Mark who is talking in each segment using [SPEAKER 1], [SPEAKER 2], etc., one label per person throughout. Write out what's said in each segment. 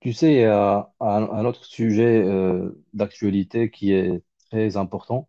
[SPEAKER 1] Tu sais, il y a un autre sujet d'actualité qui est très important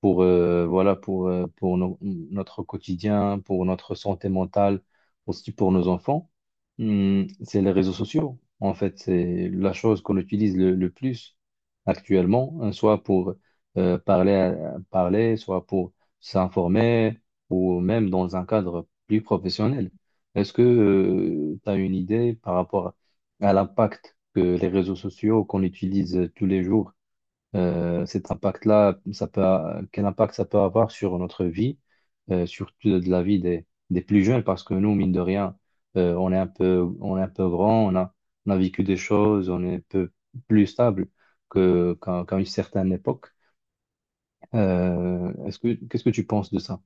[SPEAKER 1] pour voilà pour notre quotidien, pour notre santé mentale, aussi pour nos enfants. Hmm, c'est les réseaux sociaux. En fait, c'est la chose qu'on utilise le plus actuellement, hein, soit pour parler, soit pour s'informer ou même dans un cadre plus professionnel. Est-ce que tu as une idée par rapport à l'impact que les réseaux sociaux qu'on utilise tous les jours, cet impact-là, quel impact ça peut avoir sur notre vie, surtout de la vie des plus jeunes, parce que nous, mine de rien, on est un peu grand, on a vécu des choses, on est un peu plus stable qu'à une certaine époque. Qu'est-ce que tu penses de ça?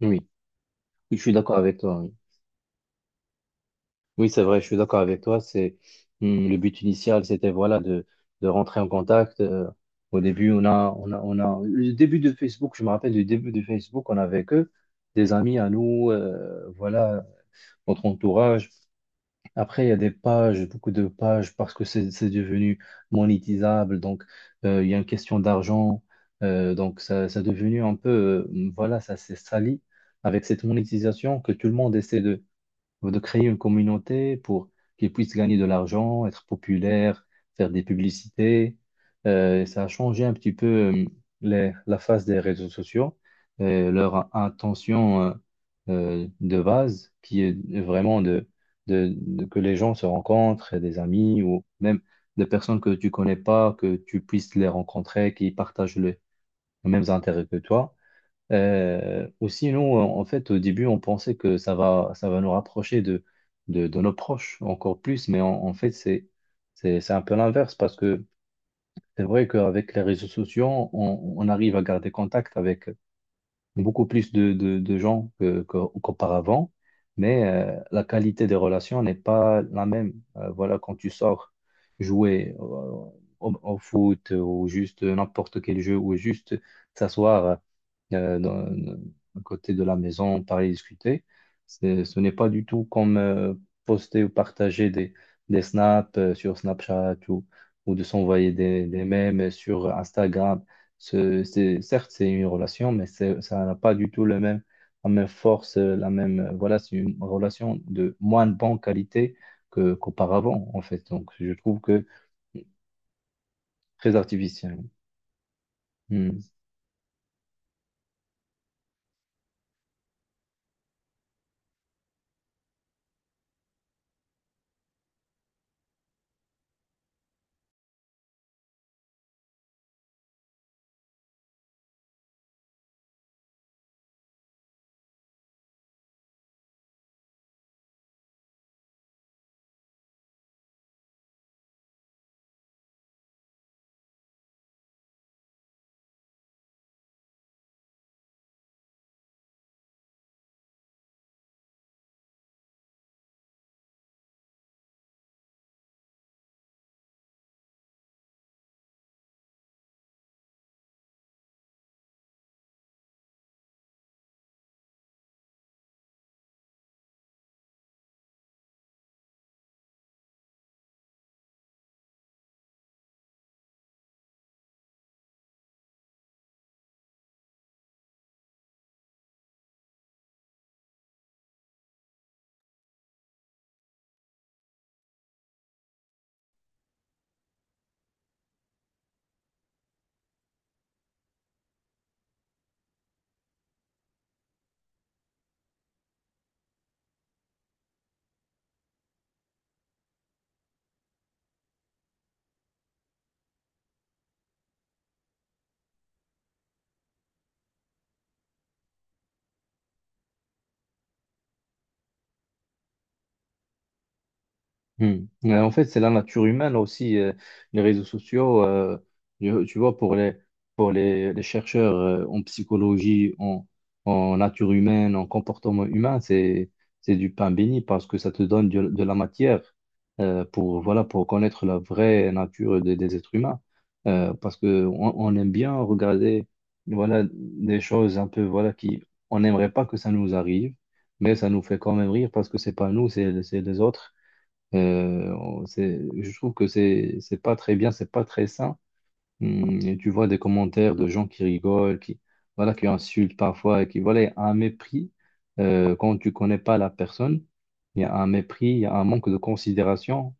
[SPEAKER 1] Oui, je suis d'accord avec toi. Oui, c'est vrai, je suis d'accord avec toi. C'est le but initial, c'était voilà de rentrer en contact. Au début, on a le début de Facebook. Je me rappelle du début de Facebook, on avait que des amis à nous, voilà notre entourage. Après, il y a des pages, beaucoup de pages parce que c'est devenu monétisable. Donc, il y a une question d'argent. Donc, ça est devenu un peu, voilà, ça s'est sali avec cette monétisation que tout le monde essaie de créer une communauté pour qu'ils puissent gagner de l'argent, être populaires, faire des publicités. Ça a changé un petit peu la face des réseaux sociaux, leur intention de base, qui est vraiment de, que les gens se rencontrent, et des amis ou même des personnes que tu connais pas, que tu puisses les rencontrer, qui partagent les mêmes intérêts que toi. Ou sinon, en fait, au début, on pensait que ça va nous rapprocher de nos proches encore plus, mais en fait, c'est un peu l'inverse parce que c'est vrai qu'avec les réseaux sociaux, on arrive à garder contact avec beaucoup plus de gens qu'auparavant, mais la qualité des relations n'est pas la même. Voilà, quand tu sors jouer au foot ou juste n'importe quel jeu ou juste s'asseoir euh, dans- à côté de la maison, parler, discuter. Ce n'est pas du tout comme poster ou partager des snaps sur Snapchat ou de s'envoyer des mèmes sur Instagram. C'est, certes, c'est une relation, mais ça n'a pas du tout le même, la même force, la même, voilà, c'est une relation de moins bonne qualité qu'auparavant, en fait. Donc, je trouve que très artificiel. Hmm. Hmm. En fait, c'est la nature humaine aussi, les réseaux sociaux. Tu vois, pour les, pour les chercheurs en psychologie, en nature humaine, en comportement humain, c'est du pain béni parce que ça te donne de la matière pour, voilà, pour connaître la vraie nature des êtres humains. Parce que on aime bien regarder, voilà, des choses un peu, voilà, qui, on n'aimerait pas que ça nous arrive, mais ça nous fait quand même rire parce que c'est pas nous, c'est les autres. Je trouve que c'est pas très bien, c'est pas très sain. Et tu vois des commentaires de gens qui rigolent, qui voilà, qui insultent parfois, et qui voilà, il y a un mépris quand tu connais pas la personne. Il y a un mépris, il y a un manque de considération,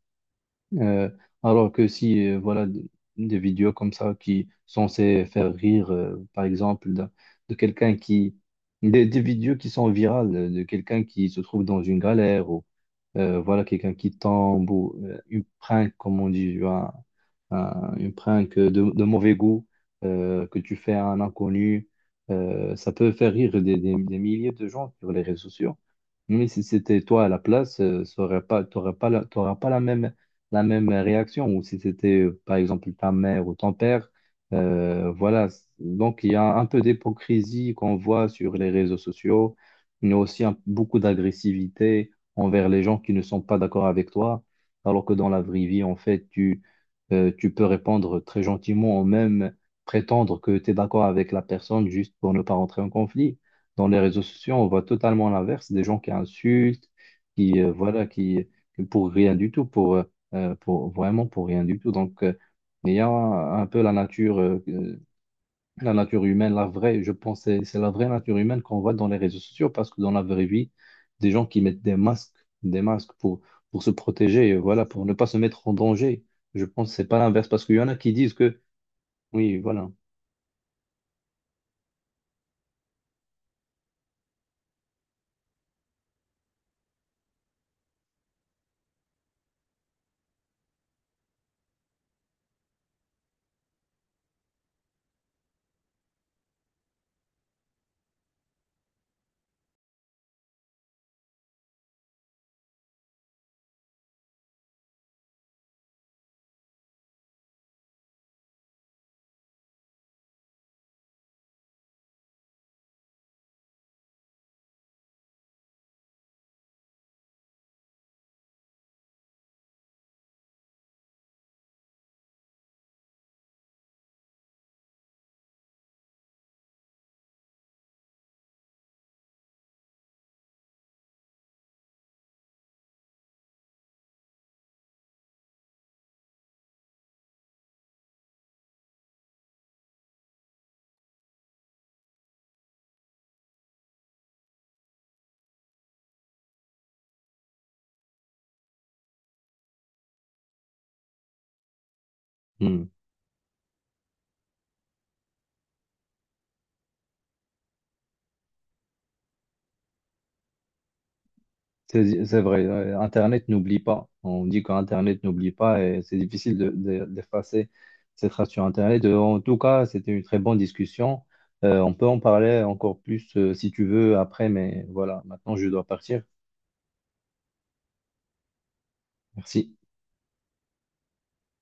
[SPEAKER 1] euh, alors que si, voilà, des vidéos comme ça qui sont censées faire rire, par exemple, quelqu'un qui... Des vidéos qui sont virales, de quelqu'un qui se trouve dans une galère, ou voilà, quelqu'un qui tombe, ou une prank, comme on dit, une prank de mauvais goût, que tu fais à un inconnu, ça peut faire rire des milliers de gens sur les réseaux sociaux. Mais si c'était toi à la place, ça aurait pas, t'aurais pas la, t'auras pas la même, la même réaction. Ou si c'était, par exemple, ta mère ou ton père, voilà. Donc, il y a un peu d'hypocrisie qu'on voit sur les réseaux sociaux, mais aussi beaucoup d'agressivité envers les gens qui ne sont pas d'accord avec toi. Alors que dans la vraie vie, en fait, tu peux répondre très gentiment ou même prétendre que tu es d'accord avec la personne juste pour ne pas rentrer en conflit. Dans les réseaux sociaux, on voit totalement l'inverse, des gens qui insultent, qui, euh, voilà, qui, qui pour rien du tout, pour, vraiment pour rien du tout. Donc, il y a un peu la nature humaine, la vraie, je pense, c'est la vraie nature humaine qu'on voit dans les réseaux sociaux, parce que dans la vraie vie, des gens qui mettent des masques pour se protéger, voilà, pour ne pas se mettre en danger. Je pense que c'est pas l'inverse, parce qu'il y en a qui disent que, oui, voilà. Hmm. C'est vrai, Internet n'oublie pas. On dit qu'Internet n'oublie pas et c'est difficile de, d'effacer cette trace sur Internet. En tout cas, c'était une très bonne discussion. On peut en parler encore plus si tu veux après, mais voilà, maintenant je dois partir. Merci.